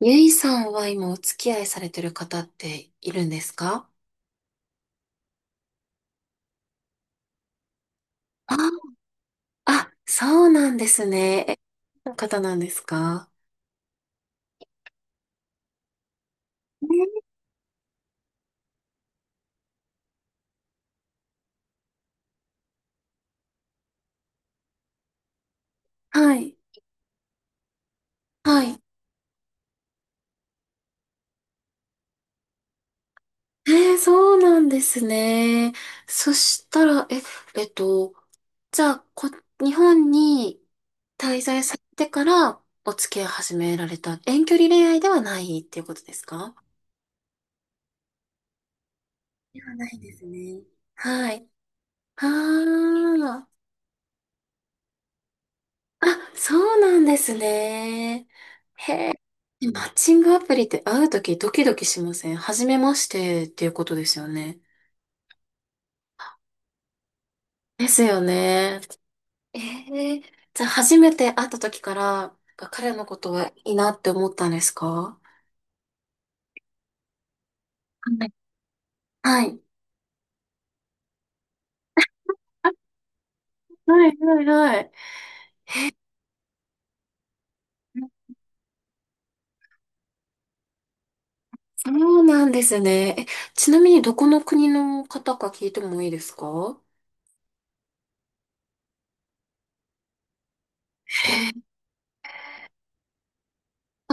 ゆいさんは今お付き合いされてる方っているんですか？あ、あ、そうなんですね。どんな方なんですか？ね。はい。はい。そうなんですね。そしたら、えっと、じゃあ、日本に滞在されてからお付き合い始められた遠距離恋愛ではないっていうことですか？ではないですね。はい。ああ。あ、そうなんですね。へえ。マッチングアプリって会うとき、ドキドキしません？初めましてっていうことですよね。ですよね。ええじゃあ初めて会ったときから、彼のことはいいなって思ったんですか？はい。はい。はいはいはい。そうなんですね。ちなみにどこの国の方か聞いてもいいですか？は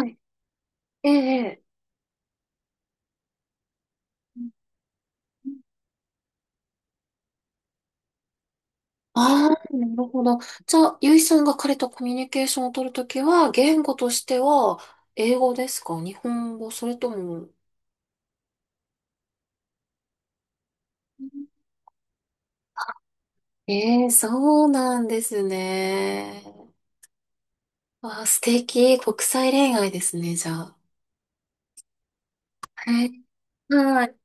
い。ええ。ええ。ああ、なるほど。じゃあ、ゆいさんが彼とコミュニケーションを取るときは、言語としては、英語ですか？日本語？それとも、ええー、そうなんですね。わあ、素敵。国際恋愛ですね、じゃあ。えはい。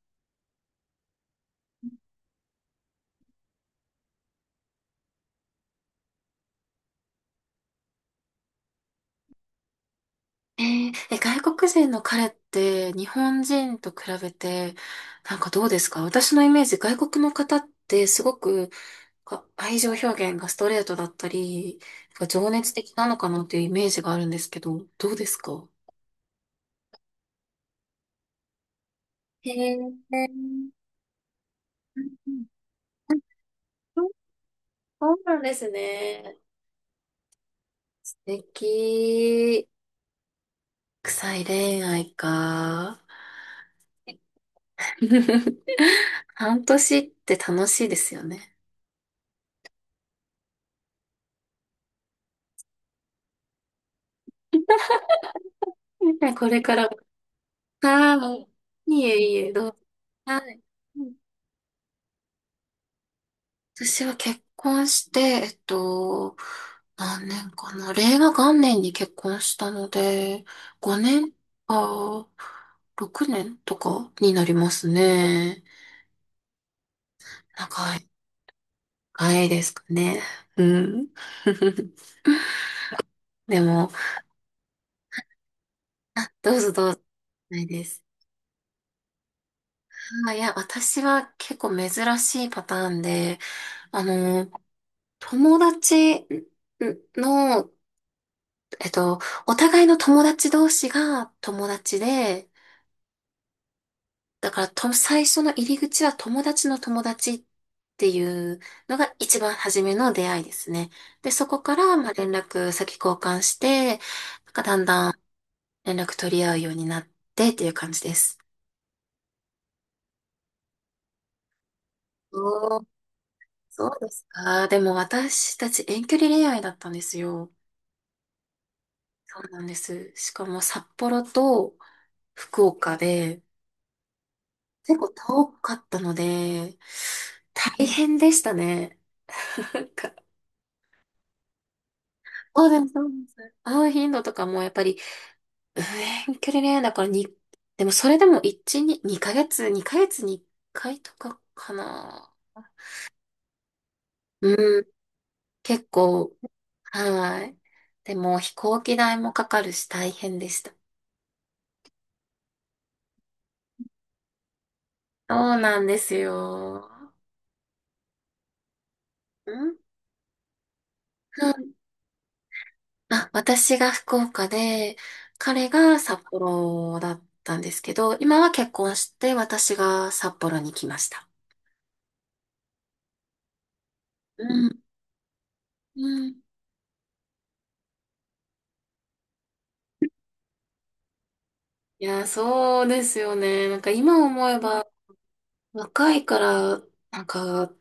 えーえ外国人の彼って日本人と比べて、なんかどうですか？私のイメージ、外国の方ってすごくか愛情表現がストレートだったり、なんか情熱的なのかなっていうイメージがあるんですけど、どうですか？へえ、うん、そうなんですね。素敵。臭い恋愛か。半年って楽しいですよね。ね、これから、はい。いえいえ、どうぞ。はい。私は結婚して、何年かな。令和元年に結婚したので、5年か、6年とかになりますね。長い、長いですかね。うん。でも、どうぞどうぞ。ないです。あ、いや、私は結構珍しいパターンで、あの、友達の、えっと、お互いの友達同士が友達で、だからと、最初の入り口は友達の友達っていうのが一番初めの出会いですね。で、そこから、まあ、連絡先交換して、なんかだんだん連絡取り合うようになってっていう感じです。おー、そうですか。でも私たち遠距離恋愛だったんですよ。そうなんです。しかも札幌と福岡で結構遠かったので、大変でしたね。なんかそうです、そうですね。会う頻度とかもやっぱり、うん、遠距離恋愛だからに、でもそれでも1、2、2ヶ月、2ヶ月に1回とかかな。うん、結構、はい。でも飛行機代もかかるし大変でした。そうなんですよ。うん。あ、私が福岡で、彼が札幌だったんですけど、今は結婚して私が札幌に来ました。うん。うん、いや、そうですよね。なんか今思えば若いから、なんか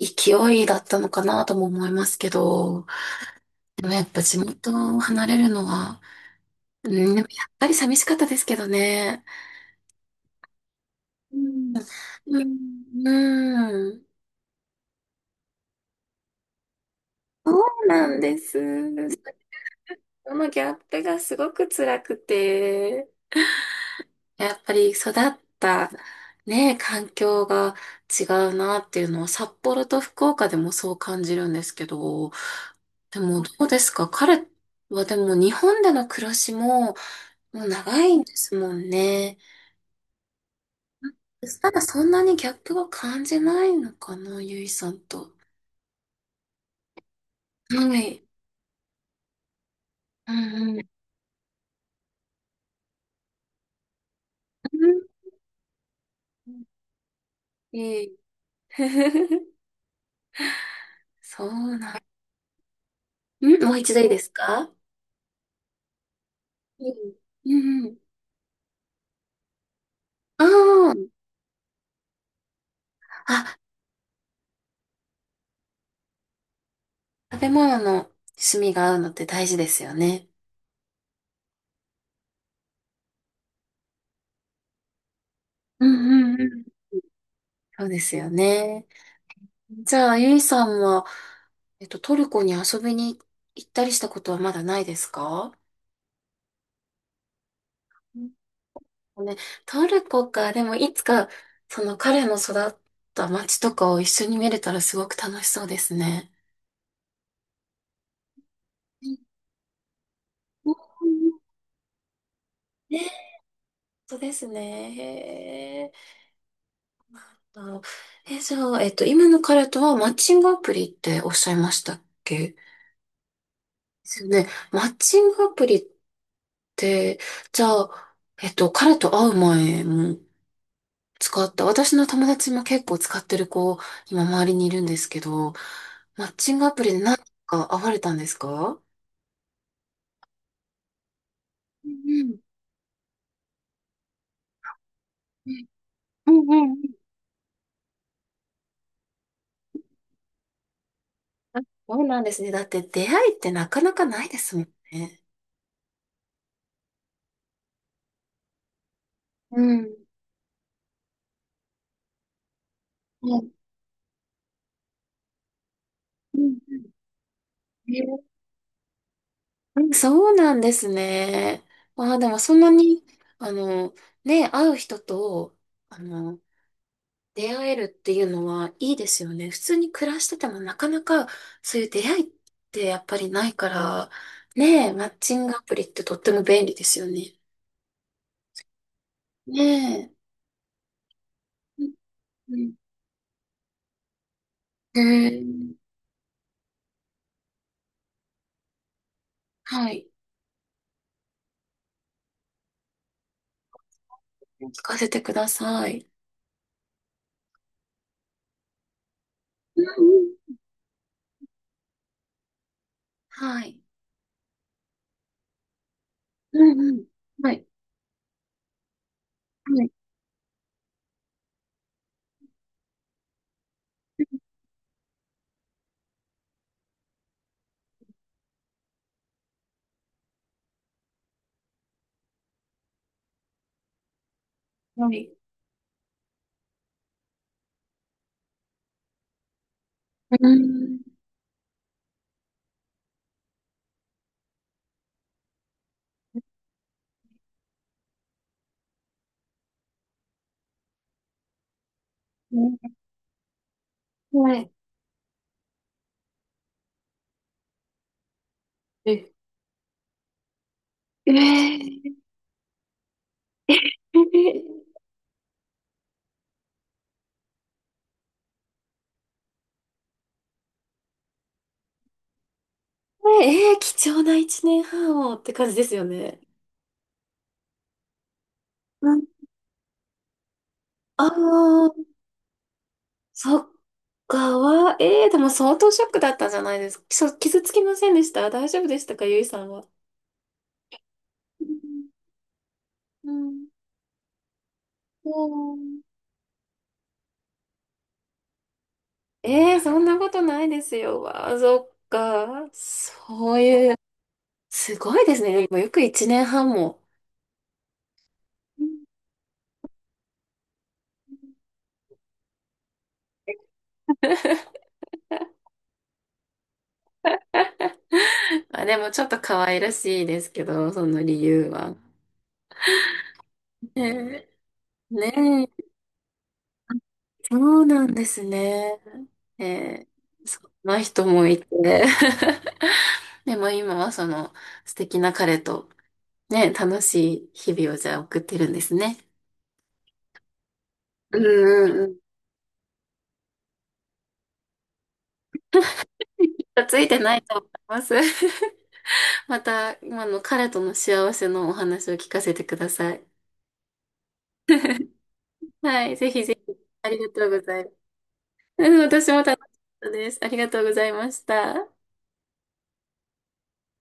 勢いだったのかなとも思いますけど、でもやっぱ地元を離れるのは、うん、でもやっぱり寂しかったですけどね。うん、うん、うん、そうなんです。そのギャップがすごく辛くて。やっぱり育ったね、環境が違うなっていうのは札幌と福岡でもそう感じるんですけど、でもどうですか？彼はでも日本での暮らしももう長いんですもんね。ただそんなにギャップは感じないのかな、ゆいさんと。はい。うん、うん。うん、いい。そうなん。もう一度いいですか？うん。うん、うん。ああ。食べ物の趣味が合うのって大事ですよね。うん、うん、うん、そうですよね。じゃあ、ゆいさんは、トルコに遊びに行ったりしたことはまだないですか？うん、ね、トルコか、でもいつか、その彼の育った街とかを一緒に見れたらすごく楽しそうですね。うん、ね、そうですね。へー。あのえ、じゃあ、今の彼とはマッチングアプリっておっしゃいましたっけ？ですよね。マッチングアプリって、じゃあ、彼と会う前も使った。私の友達も結構使ってる子、今周りにいるんですけど、マッチングアプリで何か会われたんですか？うん、うん、うん、うん、うん、あ、そうなんですね。だって出会いってなかなかないですもんね。うん、うん、うん、ね、うん、そうなんですね。ああ、でもそんなに、あの、ね、会う人と、あの、出会えるっていうのはいいですよね。普通に暮らしててもなかなかそういう出会いってやっぱりないから、ねえ、マッチングアプリってとっても便利ですよね。ねえ。うん、うん、へえー、はい。聞かせてください。うん、うん、はい。うん、うん。はい。はい。はい。うん。うん、はい。ええー。ええー、貴重な一年半をって感じですよね。うん。ああ。そっかは、ええー、でも相当ショックだったんじゃないですか？傷つきませんでした？大丈夫でしたか？ゆいさんは。うん、うん、ええー、そんなことないですよ。わあ、そっか。そういう、すごいですね。もうよく一年半も。うん。 あ、でもちょっと可愛らしいですけど、その理由は。ねえ、ねえ、そうなんですね。ええ、そんな人もいて。でも今はその素敵な彼とね、楽しい日々をじゃあ送ってるんですね。うん、うん、うん。きっとついてないと思います。また今の彼との幸せのお話を聞かせてください。はい、ぜひぜひ。ありがとうございます。うん、私も楽しかったです。ありがとうございました。